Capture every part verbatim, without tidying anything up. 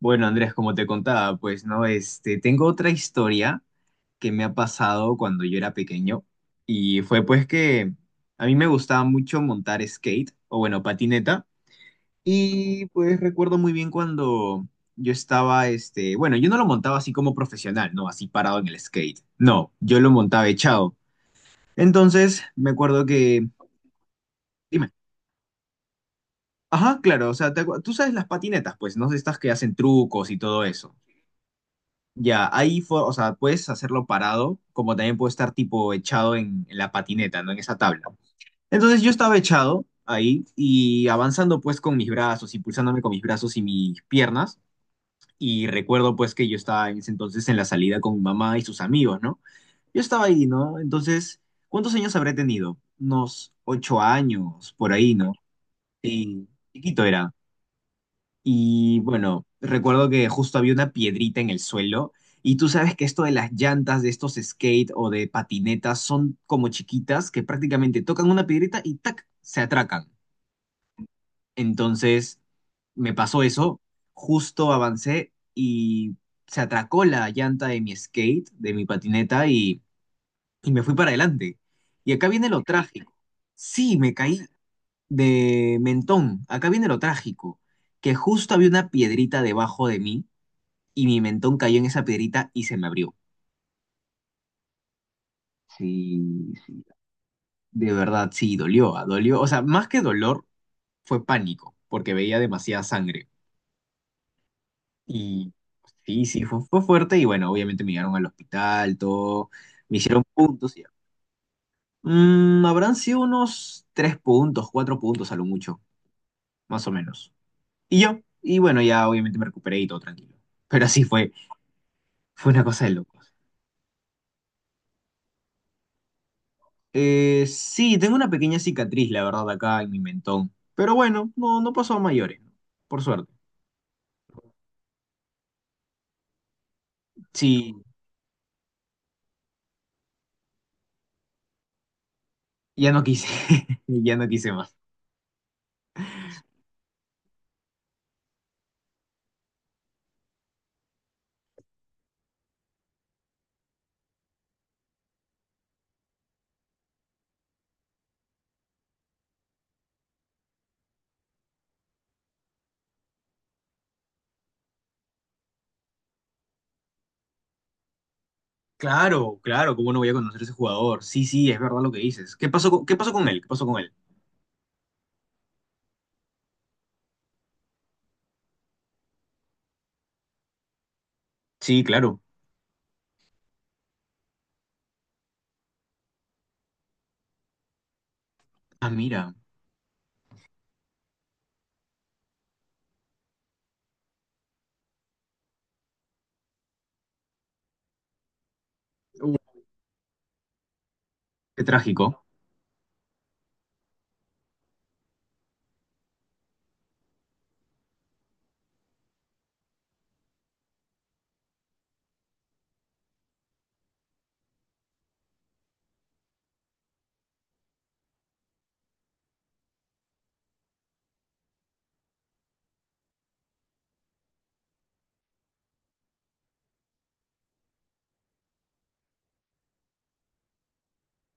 Bueno, Andrés, como te contaba, pues no, este, tengo otra historia que me ha pasado cuando yo era pequeño y fue pues que a mí me gustaba mucho montar skate o bueno, patineta. Y pues recuerdo muy bien cuando yo estaba, este, bueno, yo no lo montaba así como profesional, no, así parado en el skate, no, yo lo montaba echado. Entonces me acuerdo que, dime, ajá, claro, o sea, te acu- tú sabes las patinetas, pues, no, estas que hacen trucos y todo eso. Ya, ahí fue, o sea, puedes hacerlo parado, como también puede estar tipo echado en, en la patineta, ¿no? En esa tabla. Entonces yo estaba echado ahí y avanzando pues con mis brazos, impulsándome con mis brazos y mis piernas. Y recuerdo pues que yo estaba en ese entonces en la salida con mi mamá y sus amigos, ¿no? Yo estaba ahí, ¿no? Entonces, ¿cuántos años habré tenido? Unos ocho años, por ahí, ¿no? Sí, chiquito era. Y bueno, recuerdo que justo había una piedrita en el suelo. Y tú sabes que esto de las llantas de estos skate o de patinetas son como chiquitas que prácticamente tocan una piedrita y ¡tac! Se atracan. Entonces me pasó eso, justo avancé y se atracó la llanta de mi skate, de mi patineta y, y me fui para adelante. Y acá viene lo trágico. Sí, me caí de mentón. Acá viene lo trágico, que justo había una piedrita debajo de mí y mi mentón cayó en esa piedrita y se me abrió. Sí, sí, de verdad, sí, dolió, ah, dolió. O sea, más que dolor, fue pánico, porque veía demasiada sangre. Y sí, sí, fue, fue fuerte y bueno, obviamente me llevaron al hospital, todo, me hicieron puntos. Y- Mm, habrán sido unos tres puntos, cuatro puntos a lo mucho, más o menos. Y yo, y bueno, ya obviamente me recuperé y todo tranquilo. Pero así fue, fue una cosa de locos. Eh, sí, tengo una pequeña cicatriz, la verdad, acá en mi mentón. Pero bueno, no, no pasó a mayores, ¿no? Por suerte. Sí, ya no quise, ya no quise más. Claro, claro, ¿cómo no voy a conocer a ese jugador? Sí, sí, es verdad lo que dices. ¿Qué pasó con, ¿qué pasó con él? ¿Qué pasó con él? Sí, claro. Ah, mira. Uh, qué trágico.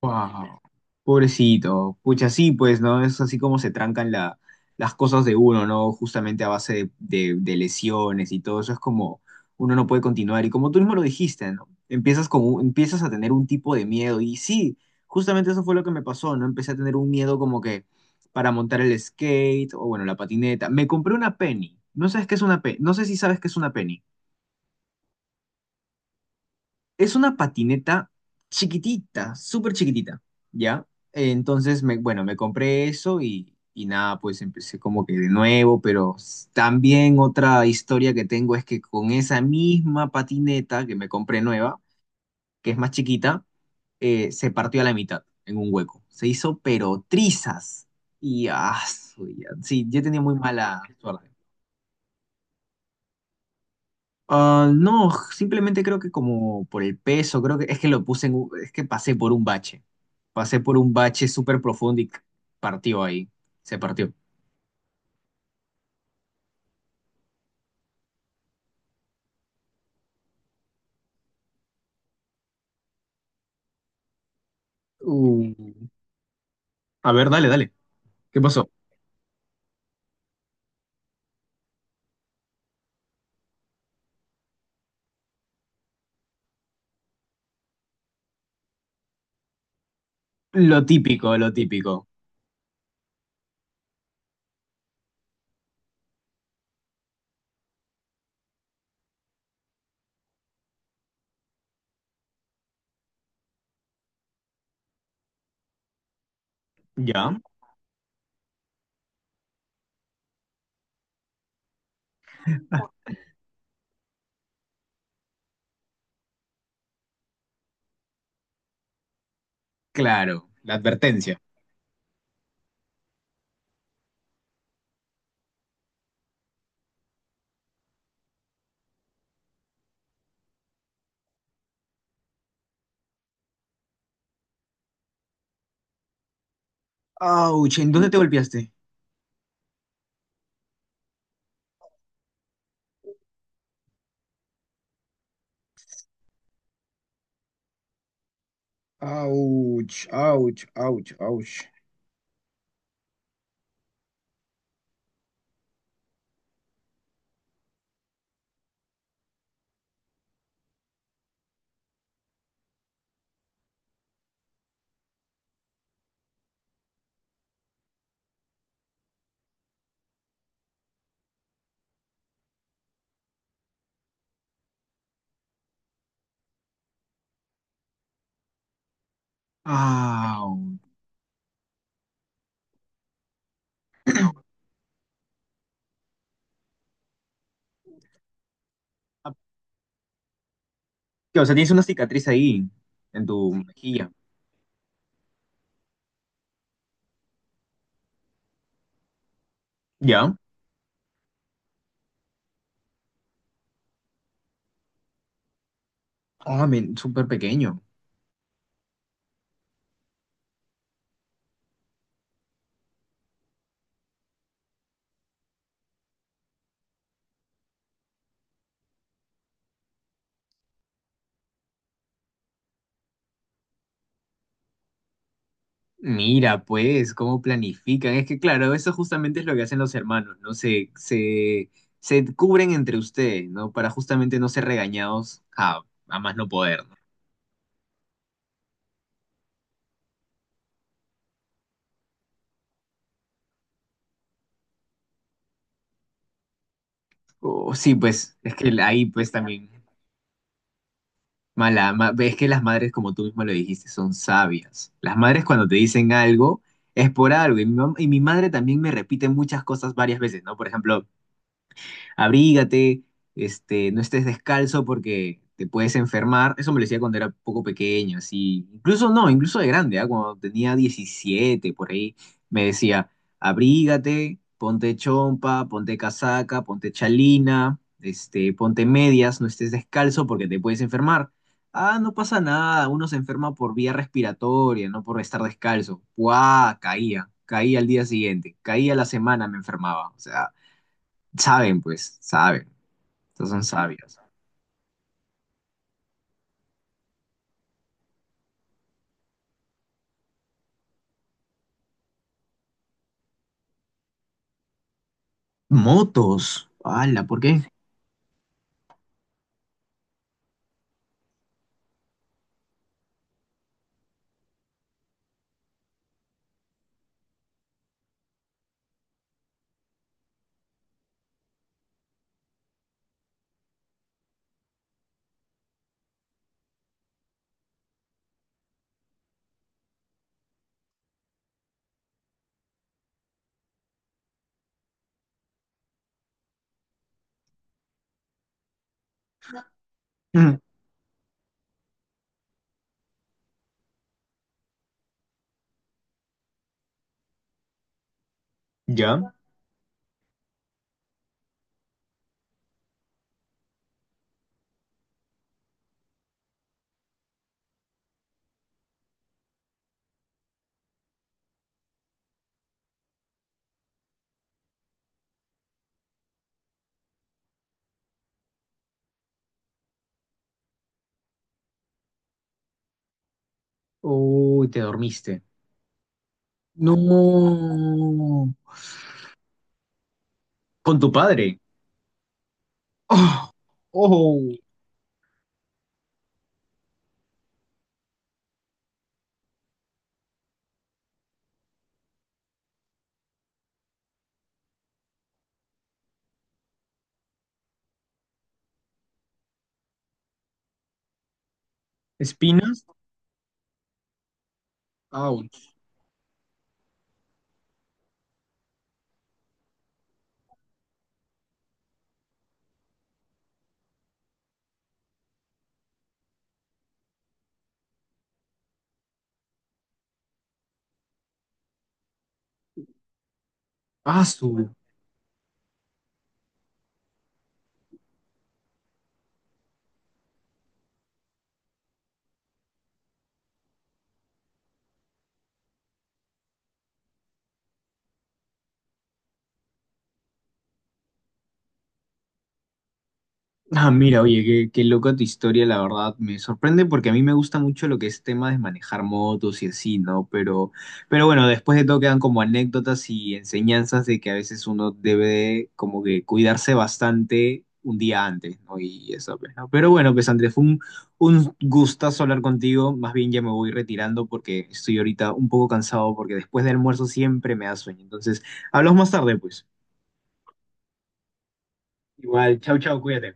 Wow, pobrecito. Pucha, sí, pues, ¿no? Es así como se trancan la- las cosas de uno, ¿no? Justamente a base de, de- de lesiones y todo eso es como uno no puede continuar. Y como tú mismo lo dijiste, ¿no? Empiezas con un- empiezas a tener un tipo de miedo. Y sí, justamente eso fue lo que me pasó, ¿no? Empecé a tener un miedo como que para montar el skate o, bueno, la patineta. Me compré una penny. ¿No sabes qué es una penny? No sé si sabes qué es una penny. Es una patineta chiquitita, súper chiquitita, ¿ya? Eh, entonces, me, bueno, me compré eso y, y nada, pues empecé como que de nuevo, pero s- también otra historia que tengo es que con esa misma patineta que me compré nueva, que es más chiquita, eh, se partió a la mitad en un hueco. Se hizo pero trizas. Y ah, su- ya- sí, yo tenía muy mala suerte. Ah, no, simplemente creo que como por el peso, creo que es que lo puse en, un- es que pasé por un bache. Pasé por un bache súper profundo y partió ahí. Se partió. Uh, a ver, dale, dale. ¿Qué pasó? Lo típico, lo típico. ¿Ya? Claro, la advertencia. Auch, ¿en dónde te golpeaste? Ouch, ouch, ouch, ouch. Au. Ah, o sea, tienes una cicatriz ahí, en tu mejilla. ¿Ya? Ah, men, súper pequeño. Mira, pues, cómo planifican. Es que, claro, eso justamente es lo que hacen los hermanos, ¿no? Se, se, se cubren entre ustedes, ¿no? Para justamente no ser regañados a, a más no poder, ¿no? O- sí, pues, es que ahí, pues, también, mala, ma- es que las madres, como tú mismo lo dijiste, son sabias. Las madres cuando te dicen algo, es por algo. Y mi, mam- y mi madre también me repite muchas cosas varias veces, ¿no? Por ejemplo, abrígate, este, no estés descalzo porque te puedes enfermar. Eso me lo decía cuando era poco pequeño, así. Incluso no, incluso de grande, ¿ah? Cuando tenía diecisiete por ahí, me decía, abrígate, ponte chompa, ponte casaca, ponte chalina, este, ponte medias, no estés descalzo porque te puedes enfermar. Ah, no pasa nada, uno se enferma por vía respiratoria, no por estar descalzo. ¡Guau! Caía, caía al día siguiente, caía la semana, me enfermaba. O sea, saben, pues, saben. Estos son sabios. Motos. ¡Hala! ¿Por qué? Mm, ¿ya? Uy, te dormiste. No. Con tu padre. Oh. Oh, espinas. Ouch. Ah, su. Ah, mira, oye, qué, qué loca tu historia, la verdad. Me sorprende porque a mí me gusta mucho lo que es tema de manejar motos y así, ¿no? Pero, pero bueno, después de todo quedan como anécdotas y enseñanzas de que a veces uno debe de como que cuidarse bastante un día antes, ¿no? Y eso, pues, ¿no? Pero bueno, pues Andrés, fue un, un gustazo hablar contigo. Más bien ya me voy retirando porque estoy ahorita un poco cansado porque después del almuerzo siempre me da sueño. Entonces, hablamos más tarde, pues. Igual, chau, chau, cuídate.